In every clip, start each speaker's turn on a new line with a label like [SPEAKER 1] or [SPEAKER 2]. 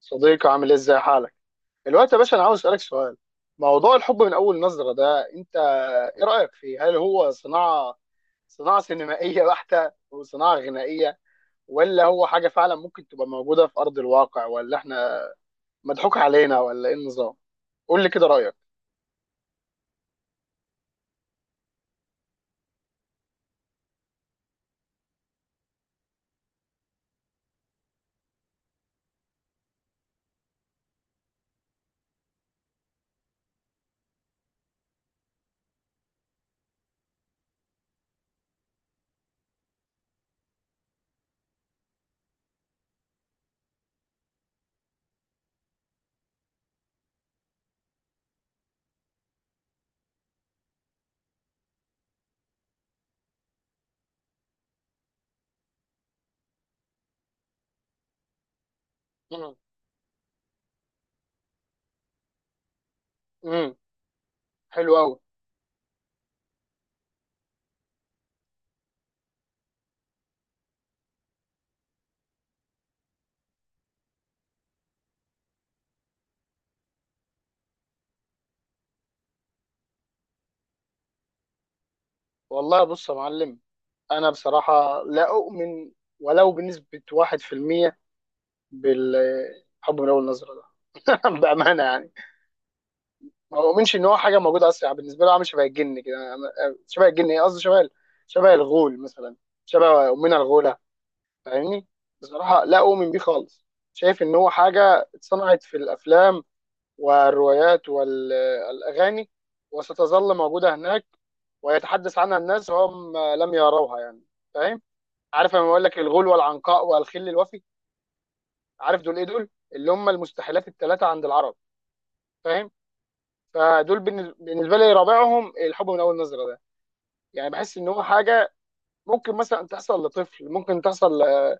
[SPEAKER 1] صديقي عامل ايه؟ ازاي حالك دلوقتي يا باشا؟ انا عاوز اسالك سؤال. موضوع الحب من اول نظره ده، انت ايه رايك فيه؟ هل هو صناعه صناعه سينمائيه بحته وصناعه غنائيه، ولا هو حاجه فعلا ممكن تبقى موجوده في ارض الواقع، ولا احنا مضحوك علينا ولا ايه النظام؟ قول لي كده رايك. امم. امم. حلو قوي. والله بص يا معلم، انا بصراحه لا اؤمن ولو بنسبه 1% بالحب من اول نظره ده. بامانه يعني، ما بؤمنش ان هو حاجه موجوده اصلا. يعني بالنسبه له عامل شبه الجن كده، شبه الجن، ايه قصدي، شبه شبه الغول مثلا، شبه امنا الغوله. فاهمني؟ بصراحه لا اؤمن بيه خالص. شايف ان هو حاجه اتصنعت في الافلام والروايات والاغاني، وستظل موجوده هناك ويتحدث عنها الناس وهم لم يروها. يعني فاهم؟ عارف لما بقول لك الغول والعنقاء والخل الوفي، عارف دول ايه؟ دول اللي هم المستحيلات الثلاثه عند العرب. فاهم؟ فدول بالنسبه لي رابعهم الحب من اول نظره ده. يعني بحس ان هو حاجه ممكن مثلا تحصل لطفل، ممكن تحصل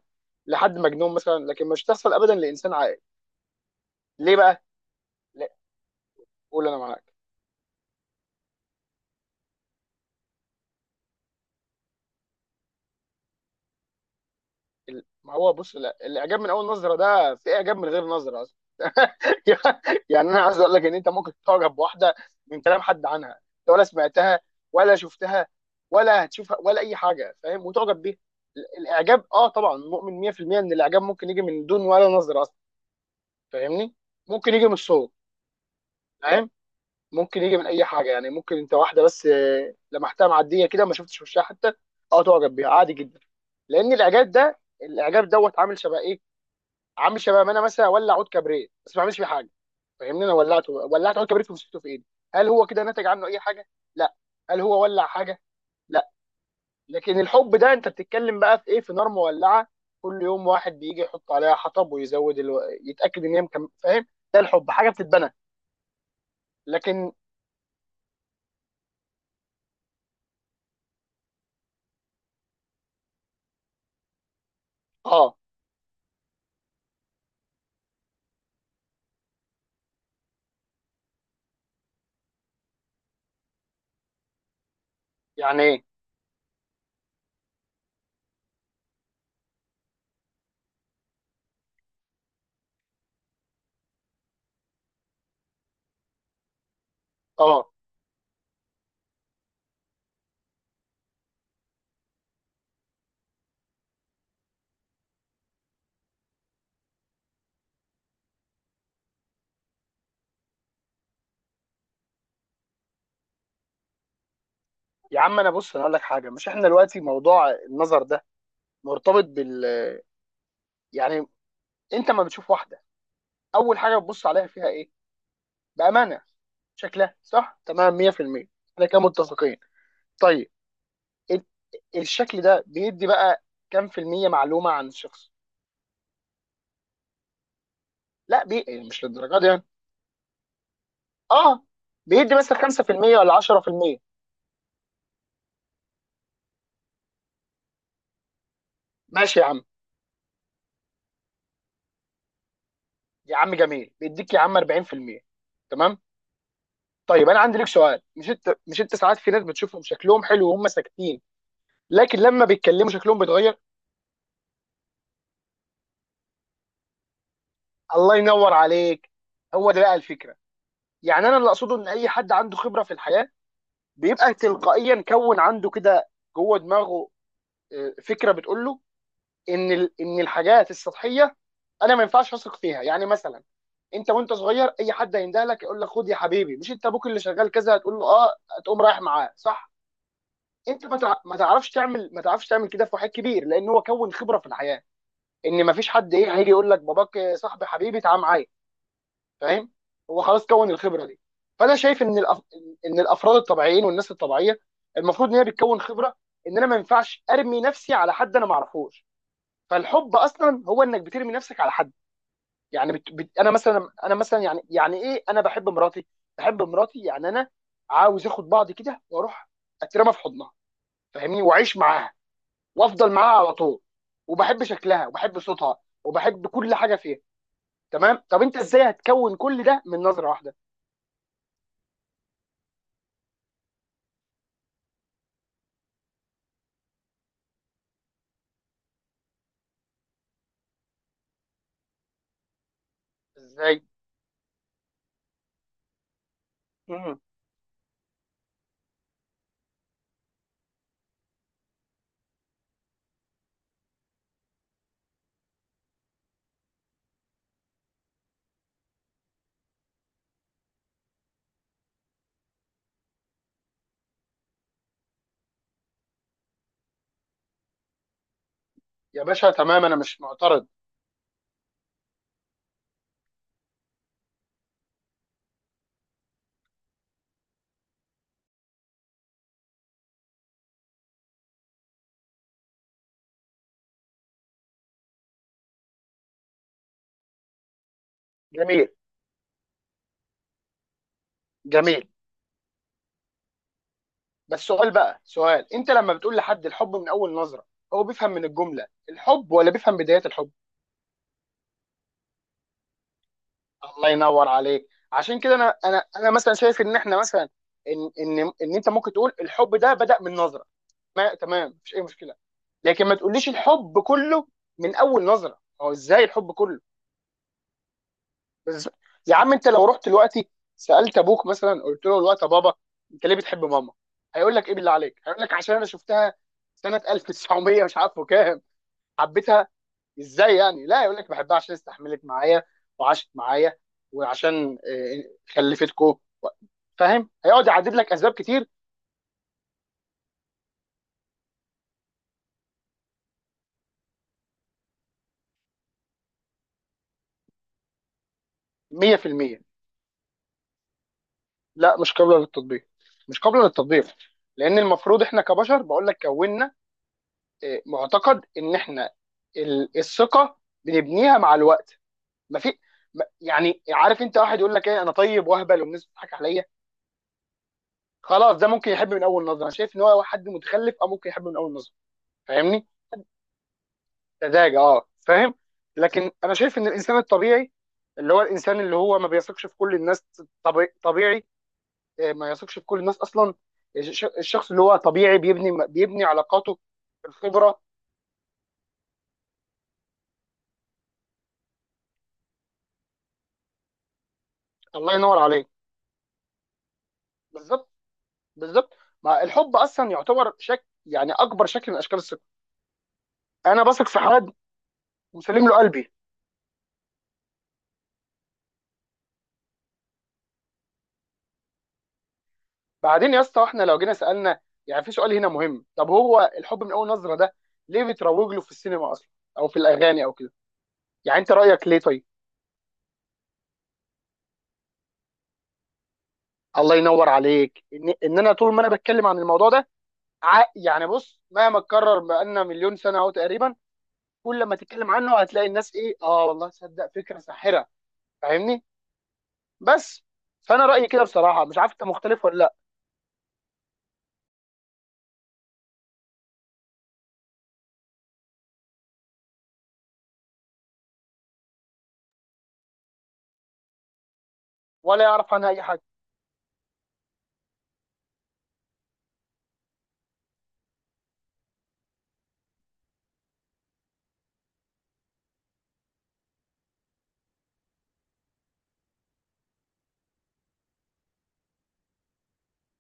[SPEAKER 1] لحد مجنون مثلا، لكن مش تحصل ابدا لانسان عاقل. ليه بقى؟ لا، قول انا معاك. ما هو بص، لا، الاعجاب من اول نظره ده، في اعجاب من غير نظره اصلا. يعني انا عايز اقول لك ان انت ممكن تعجب بواحده من كلام حد عنها، انت ولا سمعتها ولا شفتها ولا هتشوفها ولا اي حاجه، فاهم؟ وتعجب بيها. الاعجاب، اه، طبعا مؤمن 100% ان الاعجاب ممكن يجي من دون ولا نظره اصلا. فاهمني؟ ممكن يجي من الصوت. فاهم؟ ممكن يجي من اي حاجه. يعني ممكن انت واحده بس لمحتها معديه كده، ما شفتش وشها حتى، اه، تعجب بيها عادي جدا. لان الاعجاب ده، الاعجاب دوت، عامل شبه ايه؟ عامل شبه ما انا مثلا اولع عود كبريت بس ما بعملش فيه حاجه. فاهمني؟ انا ولعته، ولعت عود كبريت ومسكته في ايدي، هل هو كده نتج عنه اي حاجه؟ لا. هل هو ولع حاجه؟ لا. لكن الحب ده انت بتتكلم بقى في ايه، في نار مولعه، كل يوم واحد بيجي يحط عليها حطب ويزود يتاكد ان هي فاهم؟ ده الحب حاجه بتتبنى. لكن اه. يعني ايه؟ اه. يا عم انا بص، انا اقول لك حاجه، مش احنا دلوقتي موضوع النظر ده مرتبط بال، يعني انت ما بتشوف واحده اول حاجه بتبص عليها فيها ايه؟ بامانه شكلها صح تمام 100%. احنا كده متفقين؟ طيب. ال- الشكل ده بيدي بقى كام في المية معلومه عن الشخص؟ لا يعني مش للدرجه دي يعني، اه، بيدي مثلا 5% ولا 10%. ماشي يا عم. يا عم جميل، بيديك يا عم 40%، تمام. طيب انا عندي لك سؤال، مش انت ساعات في ناس بتشوفهم شكلهم حلو وهم ساكتين، لكن لما بيتكلموا شكلهم بيتغير؟ الله ينور عليك. هو ده بقى الفكره. يعني انا اللي اقصده ان اي حد عنده خبره في الحياه، بيبقى تلقائيا كون عنده كده جوه دماغه فكره بتقول له ان ان الحاجات السطحيه انا ما ينفعش اثق فيها. يعني مثلا انت وانت صغير، اي حد هينده لك يقول لك خد يا حبيبي، مش انت ابوك اللي شغال كذا، هتقول له اه، هتقوم رايح معاه، صح؟ انت ما تعرفش تعمل، ما تعرفش تعمل كده في واحد كبير، لان هو كون خبره في الحياه ان ما فيش حد ايه هيجي يقول لك باباك صاحبي حبيبي تعال معايا. فاهم؟ هو خلاص كون الخبره دي. فانا شايف ان ان الافراد الطبيعيين والناس الطبيعيه المفروض ان هي بتكون خبره ان انا ما ينفعش ارمي نفسي على حد انا ما اعرفوش. فالحب اصلا هو انك بترمي نفسك على حد. يعني انا مثلا، انا مثلا، يعني يعني ايه، انا بحب مراتي. بحب مراتي يعني انا عاوز اخد بعضي كده واروح اترمى في حضنها. فاهمني؟ واعيش معاها وافضل معاها على طول، وبحب شكلها وبحب صوتها وبحب كل حاجه فيها. تمام؟ طب انت ازاي هتكون كل ده من نظره واحده؟ ازاي؟ مم. يا باشا تمام، انا مش معترض. جميل. جميل. بس سؤال بقى، سؤال، انت لما بتقول لحد الحب من اول نظره، هو بيفهم من الجمله الحب، ولا بيفهم بدايه الحب؟ الله ينور عليك. عشان كده انا، انا مثلا شايف ان احنا مثلا ان ان انت ممكن تقول الحب ده بدأ من نظره، ما تمام مفيش اي مشكله، لكن ما تقوليش الحب كله من اول نظره. هو ازاي الحب كله؟ بس يا عم، انت لو رحت دلوقتي سالت ابوك مثلا، قلت له دلوقتي يا بابا انت ليه بتحب ماما؟ هيقول لك ايه بالله عليك؟ هيقول لك عشان انا شفتها سنه 1900 مش عارفه كام حبيتها. ازاي يعني؟ لا، يقول لك بحبها عشان استحملت معايا وعاشت معايا وعشان خلفتكو. فاهم؟ هيقعد يعدد لك اسباب كتير. 100%. لا مش قابله للتطبيق، مش قابله للتطبيق. لان المفروض احنا كبشر، بقول لك كوننا معتقد ان احنا الثقه بنبنيها مع الوقت. ما في يعني عارف انت، واحد يقول لك ايه، انا طيب واهبل والناس بتضحك عليا، خلاص ده ممكن يحب من اول نظره. انا شايف ان هو حد متخلف او ممكن يحب من اول نظره. فاهمني؟ سذاجه، اه فاهم. لكن انا شايف ان الانسان الطبيعي، اللي هو الانسان اللي هو ما بيثقش في كل الناس، طبيعي ما يثقش في كل الناس اصلا. الشخص اللي هو طبيعي بيبني علاقاته. الخبره. الله ينور عليك. بالظبط. بالظبط. ما الحب اصلا يعتبر شكل، يعني اكبر شكل من اشكال الثقه. انا بثق في حد وسلم له قلبي. بعدين يا اسطى، احنا لو جينا سالنا، يعني في سؤال هنا مهم، طب هو الحب من اول نظره ده ليه بتروج له في السينما اصلا او في الاغاني او كده؟ يعني انت رايك ليه؟ طيب الله ينور عليك. ان، إن انا طول ما انا بتكلم عن الموضوع ده يعني بص مهما اتكرر بقالنا مليون سنه اهو تقريبا، كل ما تتكلم عنه هتلاقي الناس ايه، اه والله تصدق فكره ساحره. فاهمني؟ بس. فانا رايي كده بصراحه، مش عارف انت مختلف ولا لا. ولا يعرف عنها اي حاجه.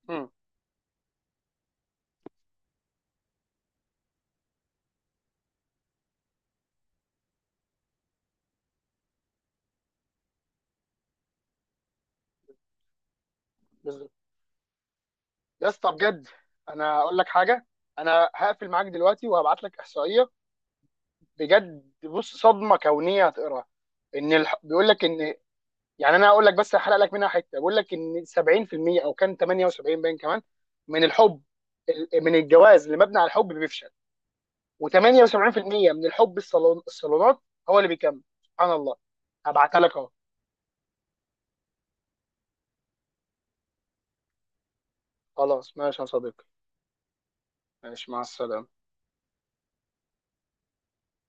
[SPEAKER 1] مم. بالظبط. يا اسطى بجد، انا اقول لك حاجه، انا هقفل معاك دلوقتي وهبعت لك احصائيه، بجد بص صدمه كونيه هتقراها. ان بيقول لك ان، يعني انا هقول لك بس هحرق لك منها حته، بيقول لك ان 70% او كان 78 باين كمان من الحب من الجواز اللي مبني على الحب بيفشل. و78% من الحب الصالون، الصالونات، هو اللي بيكمل، سبحان الله. هبعتها لك اهو. خلاص ماشي يا صديقي. ماشي مع السلامه.